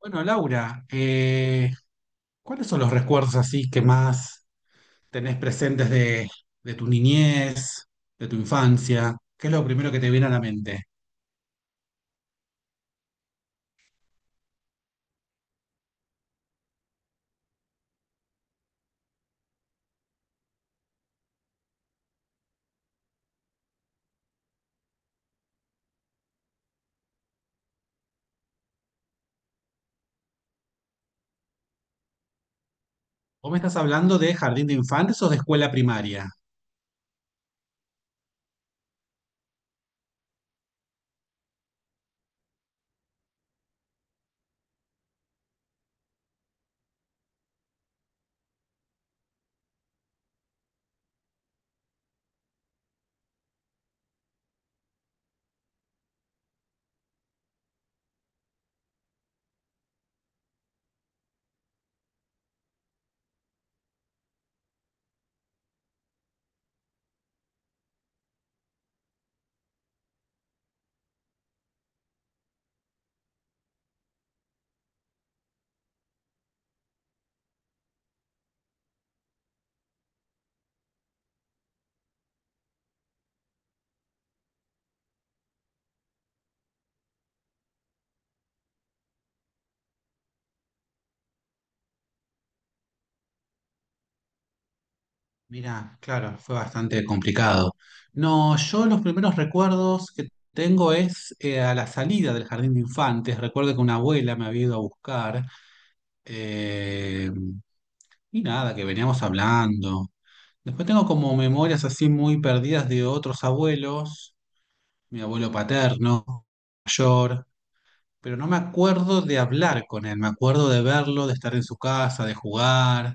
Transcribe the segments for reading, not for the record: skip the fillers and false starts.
Bueno, Laura, ¿cuáles son los recuerdos así que más tenés presentes de tu niñez, de tu infancia? ¿Qué es lo primero que te viene a la mente? ¿Vos me estás hablando de jardín de infantes o de escuela primaria? Mira, claro, fue bastante complicado. No, yo los primeros recuerdos que tengo es a la salida del jardín de infantes. Recuerdo que una abuela me había ido a buscar. eh, Y nada, que veníamos hablando. Después tengo como memorias así muy perdidas de otros abuelos, mi abuelo paterno, mayor, pero no me acuerdo de hablar con él, me acuerdo de verlo, de estar en su casa, de jugar,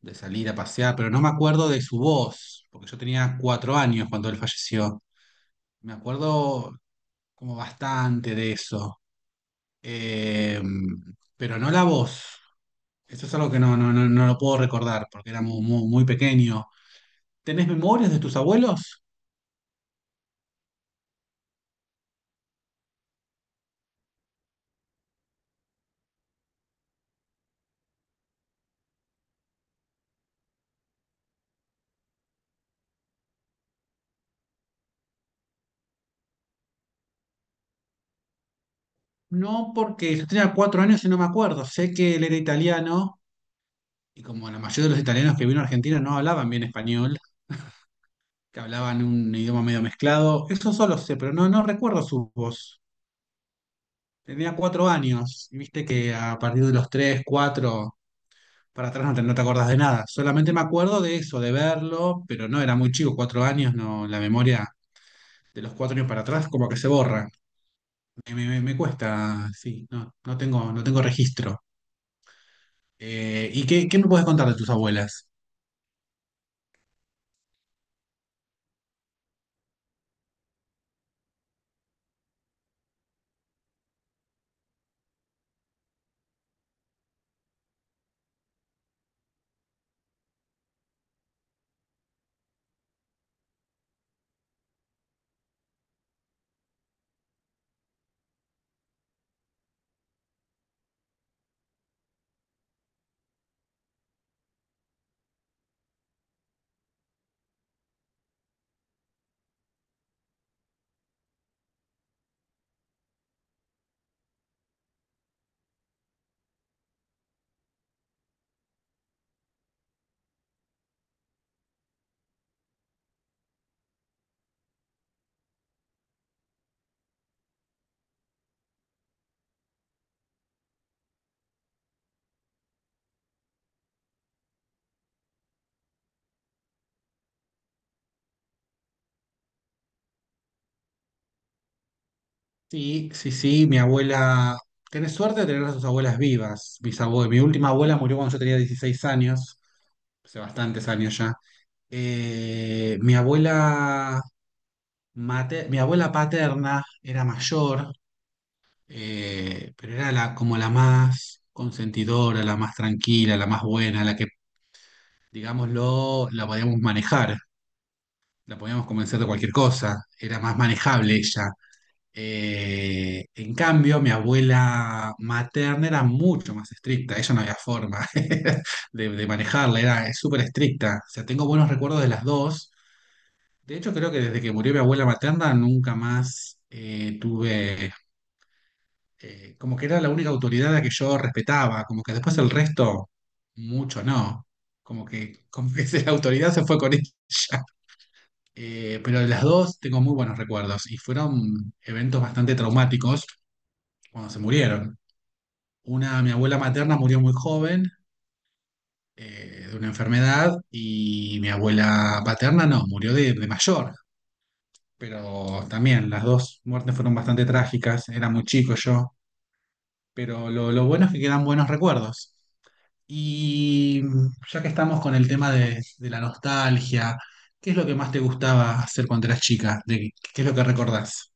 de salir a pasear, pero no me acuerdo de su voz, porque yo tenía cuatro años cuando él falleció. Me acuerdo como bastante de eso, eh, pero no la voz. Eso es algo que no lo puedo recordar, porque era muy, muy pequeño. ¿Tenés memorias de tus abuelos? No, porque yo tenía cuatro años y no me acuerdo. Sé que él era italiano y como la mayoría de los italianos que vino a Argentina no hablaban bien español, que hablaban un idioma medio mezclado, eso solo sé, pero no, no recuerdo su voz. Tenía cuatro años y viste que a partir de los tres, cuatro, para atrás no te acordás de nada. Solamente me acuerdo de eso, de verlo, pero no, era muy chico, cuatro años, no, la memoria de los cuatro años para atrás como que se borra. Me cuesta, sí, no tengo, no tengo registro. ¿Y qué me puedes contar de tus abuelas? Sí, mi abuela. Tenés suerte de tener a tus abuelas vivas, mis abue mi última abuela murió cuando yo tenía 16 años, hace bastantes años ya. Eh, mi abuela Mi abuela paterna era mayor, pero era la, como la más consentidora, la más tranquila, la más buena, la que, digámoslo, la podíamos manejar, la podíamos convencer de cualquier cosa, era más manejable ella. En cambio, mi abuela materna era mucho más estricta, ella no había forma de manejarla, era súper estricta. O sea, tengo buenos recuerdos de las dos. De hecho, creo que desde que murió mi abuela materna nunca más tuve, como que era la única autoridad a la que yo respetaba, como que después el resto, mucho no. Como que la autoridad se fue con ella. Pero de las dos tengo muy buenos recuerdos y fueron eventos bastante traumáticos cuando se murieron. Una, mi abuela materna murió muy joven de una enfermedad y mi abuela paterna no, murió de mayor, pero también las dos muertes fueron bastante trágicas, era muy chico yo, pero lo bueno es que quedan buenos recuerdos. Y mm, ya que estamos con el tema de la nostalgia, ¿qué es lo que más te gustaba hacer cuando eras chica? ¿De- ¿qué es lo que recordás?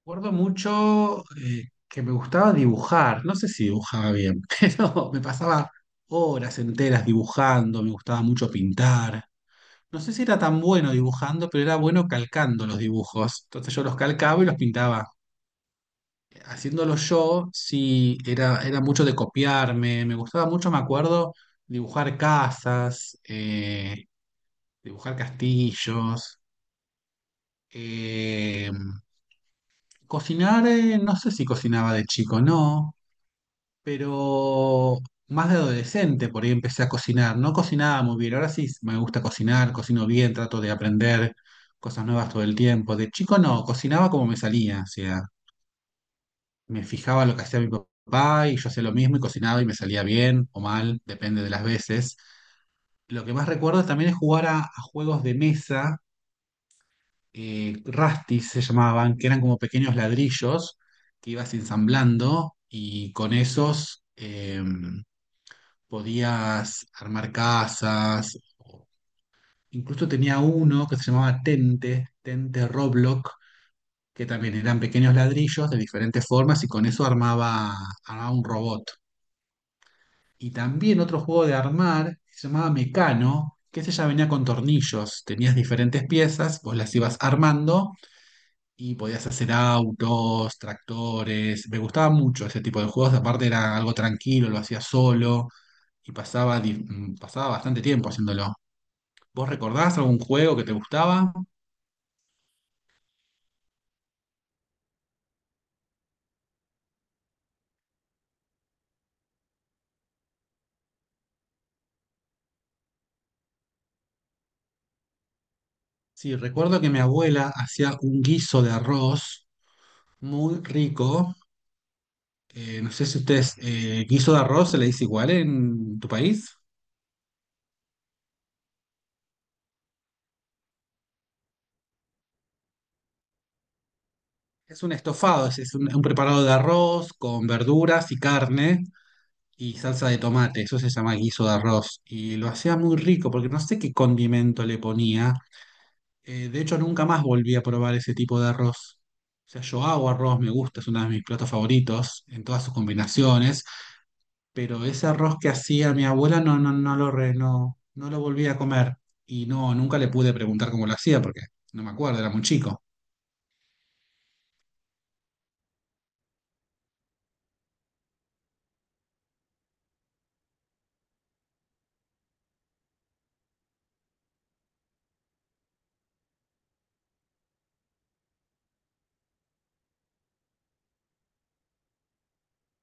Recuerdo mucho que me gustaba dibujar, no sé si dibujaba bien, pero me pasaba horas enteras dibujando, me gustaba mucho pintar. No sé si era tan bueno dibujando, pero era bueno calcando los dibujos. Entonces yo los calcaba y los pintaba. Haciéndolo yo, sí, era mucho de copiarme, me gustaba mucho, me acuerdo, dibujar casas, dibujar castillos, eh, cocinar, no sé si cocinaba de chico, no. Pero más de adolescente por ahí empecé a cocinar. No cocinaba muy bien, ahora sí me gusta cocinar, cocino bien, trato de aprender cosas nuevas todo el tiempo. De chico no, cocinaba como me salía, o sea, me fijaba lo que hacía mi papá y yo hacía lo mismo y cocinaba y me salía bien o mal, depende de las veces. Lo que más recuerdo también es jugar a juegos de mesa, Rastis se llamaban, que eran como pequeños ladrillos que ibas ensamblando y con esos podías armar casas. Incluso tenía uno que se llamaba Tente, Tente Roblox, que también eran pequeños ladrillos de diferentes formas y con eso armaba, armaba un robot. Y también otro juego de armar que se llamaba Mecano, que ese ya venía con tornillos. Tenías diferentes piezas, vos las ibas armando y podías hacer autos, tractores. Me gustaba mucho ese tipo de juegos, aparte era algo tranquilo, lo hacía solo y pasaba, pasaba bastante tiempo haciéndolo. ¿Vos recordás algún juego que te gustaba? Sí, recuerdo que mi abuela hacía un guiso de arroz muy rico. No sé si ustedes, guiso de arroz se le dice igual en tu país. Es un estofado, es un preparado de arroz con verduras y carne y salsa de tomate. Eso se llama guiso de arroz. Y lo hacía muy rico porque no sé qué condimento le ponía. De hecho, nunca más volví a probar ese tipo de arroz. O sea, yo hago arroz, me gusta, es uno de mis platos favoritos en todas sus combinaciones. Pero ese arroz que hacía mi abuela no, no, no lo volví a comer. Y no, nunca le pude preguntar cómo lo hacía porque no me acuerdo, era muy chico.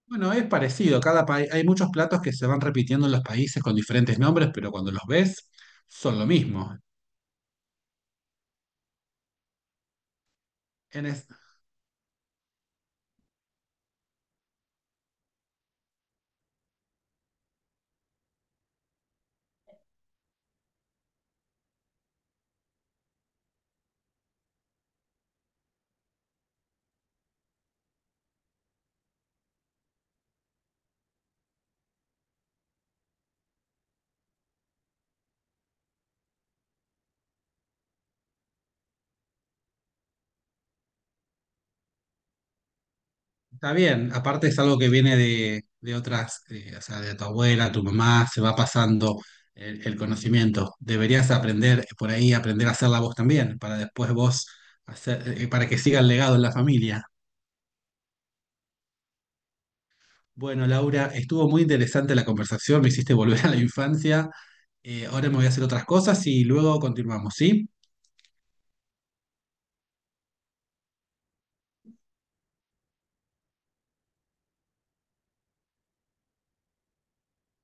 Bueno, es parecido, cada país, hay muchos platos que se van repitiendo en los países con diferentes nombres, pero cuando los ves son lo mismo. En es- Está bien, aparte es algo que viene de otras, o sea, de tu abuela, tu mamá, se va pasando el conocimiento. Deberías aprender por ahí, aprender a hacerla vos también, para después vos hacer, para que siga el legado en la familia. Bueno, Laura, estuvo muy interesante la conversación, me hiciste volver a la infancia. Ahora me voy a hacer otras cosas y luego continuamos, ¿sí?